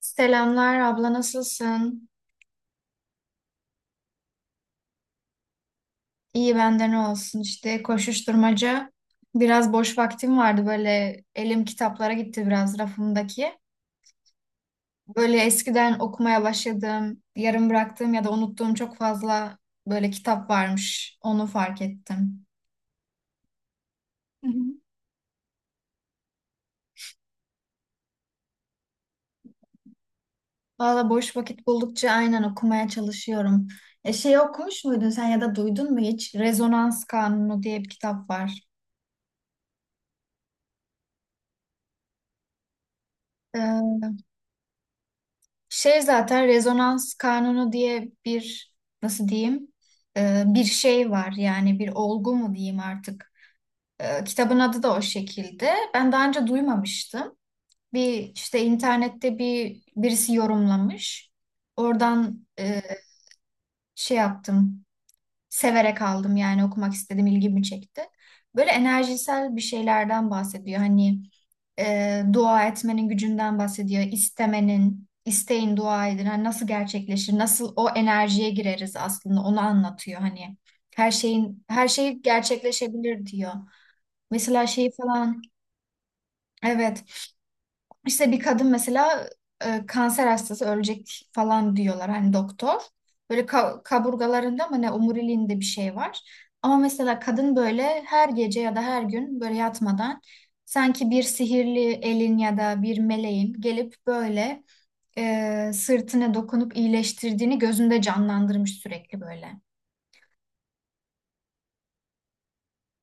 Selamlar abla nasılsın? İyi bende ne olsun işte koşuşturmaca. Biraz boş vaktim vardı böyle elim kitaplara gitti biraz rafımdaki. Böyle eskiden okumaya başladığım, yarım bıraktığım ya da unuttuğum çok fazla böyle kitap varmış. Onu fark ettim. Hı hı. Valla boş vakit buldukça aynen okumaya çalışıyorum. Şey okumuş muydun sen ya da duydun mu hiç? Rezonans Kanunu diye bir kitap var. Ee, Şey zaten rezonans kanunu diye bir, nasıl diyeyim, bir şey var yani bir olgu mu diyeyim artık. Kitabın adı da o şekilde. Ben daha önce duymamıştım. İşte internette birisi yorumlamış. Oradan şey yaptım, severek aldım yani okumak istedim, ilgimi çekti. Böyle enerjisel bir şeylerden bahsediyor. Hani dua etmenin gücünden bahsediyor. İstemenin, isteyin dua edin. Hani nasıl gerçekleşir? Nasıl o enerjiye gireriz, aslında onu anlatıyor hani. Her şeyin, her şey gerçekleşebilir diyor. Mesela şeyi falan, evet, işte bir kadın mesela kanser hastası ölecek falan diyorlar hani doktor. Böyle kaburgalarında mı ne, omuriliğinde bir şey var. Ama mesela kadın böyle her gece ya da her gün böyle yatmadan, sanki bir sihirli elin ya da bir meleğin gelip böyle sırtına dokunup iyileştirdiğini gözünde canlandırmış sürekli böyle.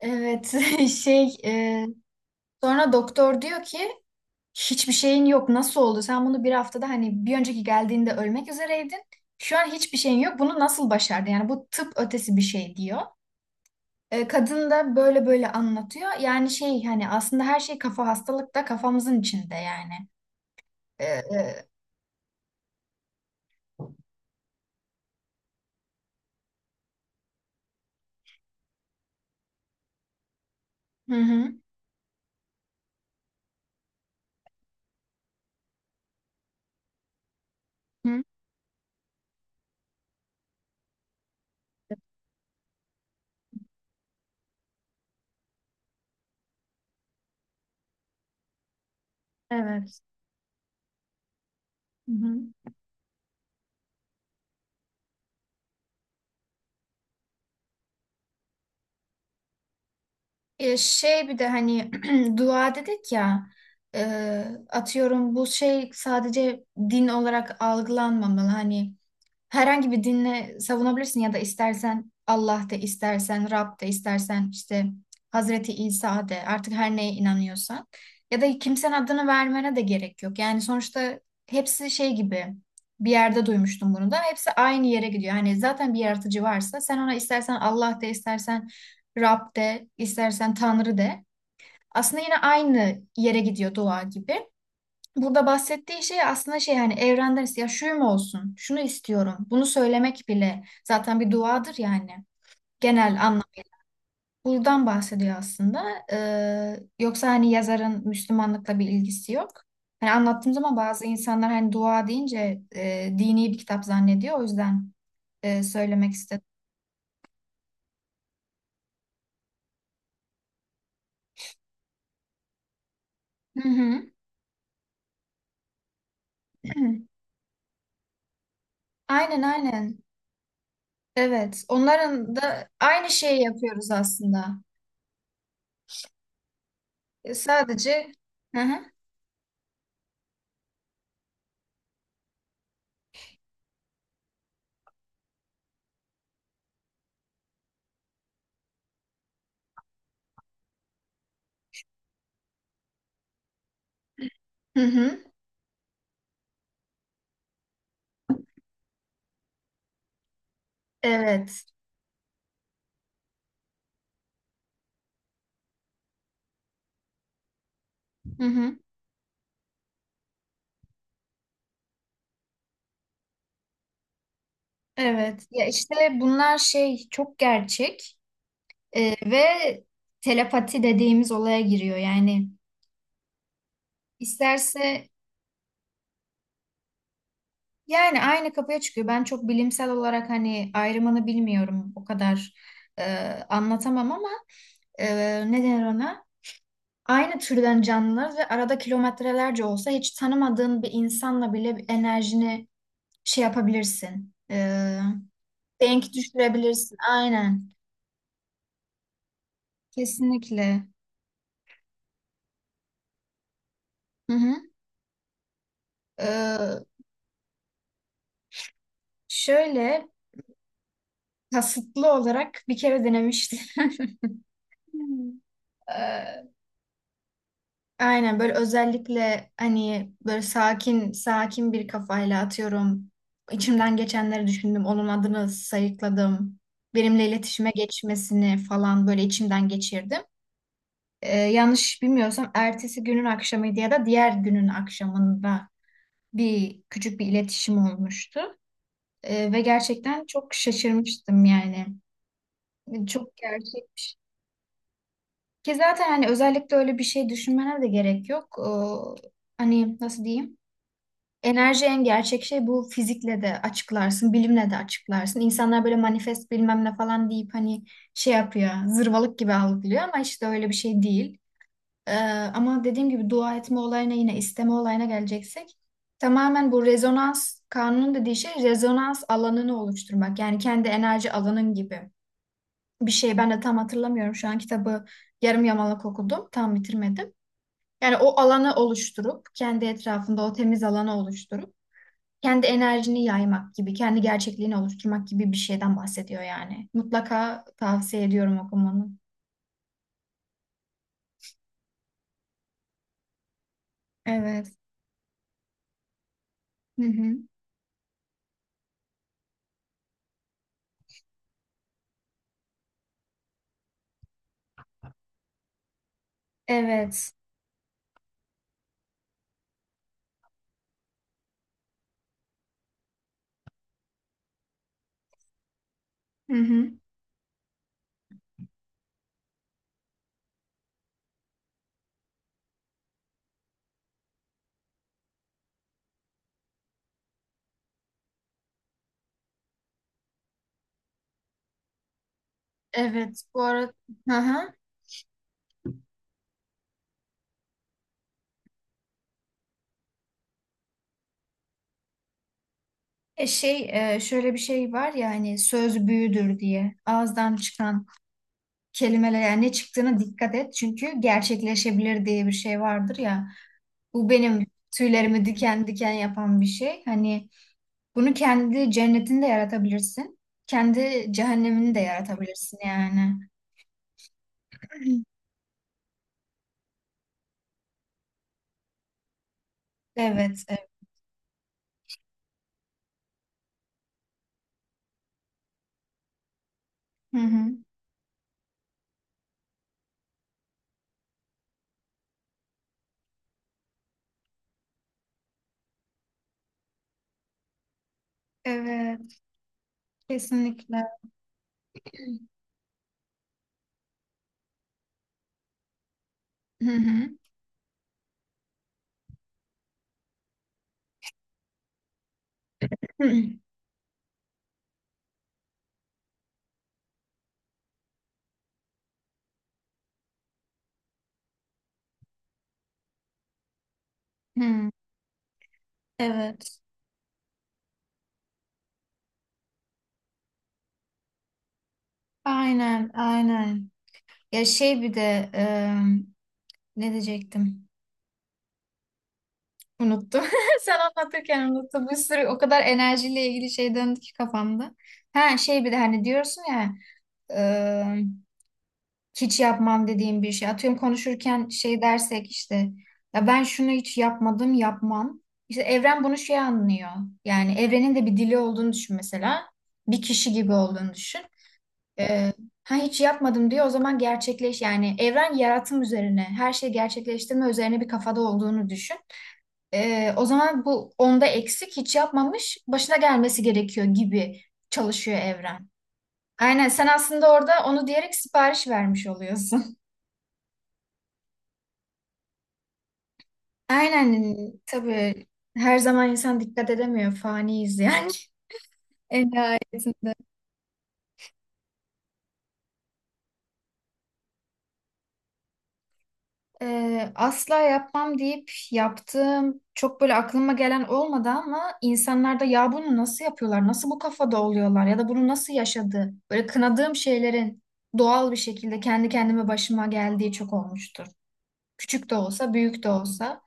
Evet. Şey sonra doktor diyor ki, hiçbir şeyin yok. Nasıl oldu? Sen bunu bir haftada, hani bir önceki geldiğinde ölmek üzereydin. Şu an hiçbir şeyin yok. Bunu nasıl başardın? Yani bu tıp ötesi bir şey diyor. Kadın da böyle böyle anlatıyor. Yani şey hani aslında her şey kafa, hastalık da kafamızın içinde yani. E, e, hı hı. Hı. Evet. Hı hı. Şey bir de hani, dua dedik ya, atıyorum bu şey sadece din olarak algılanmamalı. Hani herhangi bir dinle savunabilirsin ya da istersen Allah de, istersen Rab de, istersen işte Hazreti İsa de, artık her neye inanıyorsan ya da kimsenin adını vermene de gerek yok. Yani sonuçta hepsi şey gibi, bir yerde duymuştum bunu da, hepsi aynı yere gidiyor. Hani zaten bir yaratıcı varsa sen ona istersen Allah de, istersen Rab de, istersen Tanrı de. Aslında yine aynı yere gidiyor, dua gibi. Burada bahsettiği şey aslında şey hani, evrenden ya şuyum olsun, şunu istiyorum, bunu söylemek bile zaten bir duadır yani, genel anlamı. Buradan bahsediyor aslında. Yoksa hani yazarın Müslümanlıkla bir ilgisi yok. Hani anlattığım zaman bazı insanlar hani dua deyince dini bir kitap zannediyor. O yüzden söylemek istedim. Hı hı. Aynen, aynen. Evet, onların da aynı şeyi yapıyoruz aslında. Sadece, hı hı. Hı hı. Evet. Hı hı. Evet. Ya işte bunlar şey, çok gerçek. Ve telepati dediğimiz olaya giriyor. Yani isterse, yani aynı kapıya çıkıyor. Ben çok bilimsel olarak hani ayrımını bilmiyorum. O kadar e, anlatamam ama e, ne denir ona? Aynı türden canlılar ve arada kilometrelerce olsa, hiç tanımadığın bir insanla bile bir enerjini şey yapabilirsin. Denk düşürebilirsin. Aynen. Kesinlikle. Hı hı. Ee, Şöyle, kasıtlı olarak bir kere denemiştim. Ee, Aynen böyle özellikle hani böyle sakin sakin bir kafayla, atıyorum, İçimden geçenleri düşündüm. Onun adını sayıkladım. Benimle iletişime geçmesini falan böyle içimden geçirdim. Yanlış bilmiyorsam ertesi günün akşamıydı ya da diğer günün akşamında bir küçük bir iletişim olmuştu. Ve gerçekten çok şaşırmıştım yani. Çok gerçekmiş. Ki zaten hani özellikle öyle bir şey düşünmene de gerek yok. Hani nasıl diyeyim? Enerji en gerçek şey, bu fizikle de açıklarsın, bilimle de açıklarsın. İnsanlar böyle manifest bilmem ne falan deyip hani şey yapıyor, zırvalık gibi algılıyor ama işte öyle bir şey değil. Ee, Ama dediğim gibi dua etme olayına, yine isteme olayına geleceksek, tamamen bu rezonans kanunun dediği şey, rezonans alanını oluşturmak. Yani kendi enerji alanın gibi bir şey. Ben de tam hatırlamıyorum şu an kitabı, yarım yamalak okudum, tam bitirmedim. Yani o alanı oluşturup kendi etrafında o temiz alanı oluşturup kendi enerjini yaymak gibi, kendi gerçekliğini oluşturmak gibi bir şeyden bahsediyor yani. Mutlaka tavsiye ediyorum okumanı. Evet. Hı hı. Evet. Hı hı. Evet. Bu arada, hı hı. Şey şöyle bir şey var ya hani söz büyüdür diye, ağızdan çıkan kelimeler yani ne çıktığına dikkat et çünkü gerçekleşebilir diye bir şey vardır ya. Bu benim tüylerimi diken diken yapan bir şey. Hani bunu, kendi cennetini de yaratabilirsin. Kendi cehennemini de yaratabilirsin yani. Evet. Evet. Hı hı. Evet. Kesinlikle. Hı hı. Hı. Hı. Evet. Aynen, aynen. Ya şey bir de ne diyecektim? Unuttum. Sen anlatırken unuttum. Bir sürü, o kadar enerjiyle ilgili şey döndü ki kafamda. Ha şey bir de hani diyorsun ya, hiç yapmam dediğim bir şey. Atıyorum konuşurken şey dersek işte, ya ben şunu hiç yapmadım, yapmam. İşte evren bunu şey anlıyor. Yani evrenin de bir dili olduğunu düşün mesela. Bir kişi gibi olduğunu düşün. Ee, ha, hiç yapmadım diyor, o zaman gerçekleş yani, evren yaratım üzerine, her şeyi gerçekleştirme üzerine bir kafada olduğunu düşün. O zaman bu onda eksik, hiç yapmamış, başına gelmesi gerekiyor gibi çalışıyor evren. Aynen, sen aslında orada onu diyerek sipariş vermiş oluyorsun. Aynen, tabii, her zaman insan dikkat edemiyor, faniyiz yani, en nihayetinde. Asla yapmam deyip yaptığım çok böyle aklıma gelen olmadı, ama insanlarda ya bunu nasıl yapıyorlar, nasıl bu kafada oluyorlar ya da bunu nasıl yaşadı, böyle kınadığım şeylerin doğal bir şekilde kendi kendime başıma geldiği çok olmuştur. Küçük de olsa, büyük de olsa.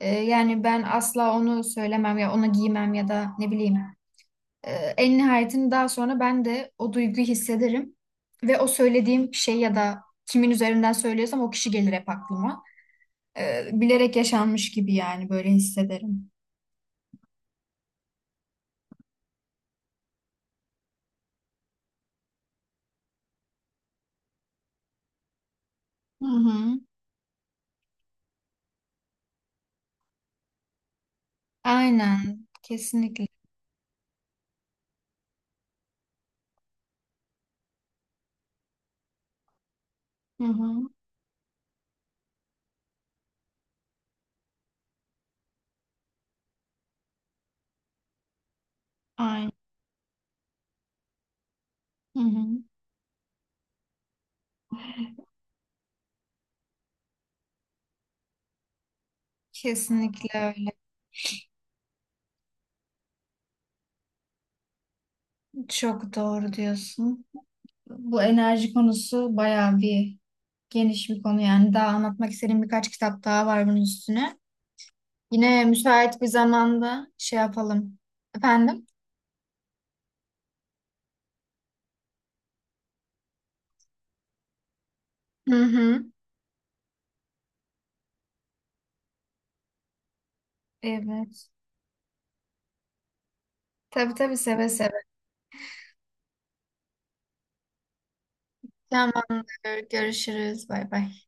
Yani ben asla onu söylemem ya onu giymem ya da ne bileyim. Ee, En nihayetinde daha sonra ben de o duyguyu hissederim. Ve o söylediğim şey ya da kimin üzerinden söylüyorsam, o kişi gelir hep aklıma. Bilerek yaşanmış gibi yani böyle hissederim. Hı hı. Aynen. Kesinlikle. Hı hı. Aynen. Hı hı. Kesinlikle öyle. Çok doğru diyorsun. Bu enerji konusu bayağı bir geniş bir konu yani. Daha anlatmak istediğim birkaç kitap daha var bunun üstüne. Yine müsait bir zamanda şey yapalım. Efendim? Hı hı. Evet. Tabii tabii, seve seve. Tamamdır. Görüşürüz. Bay bay.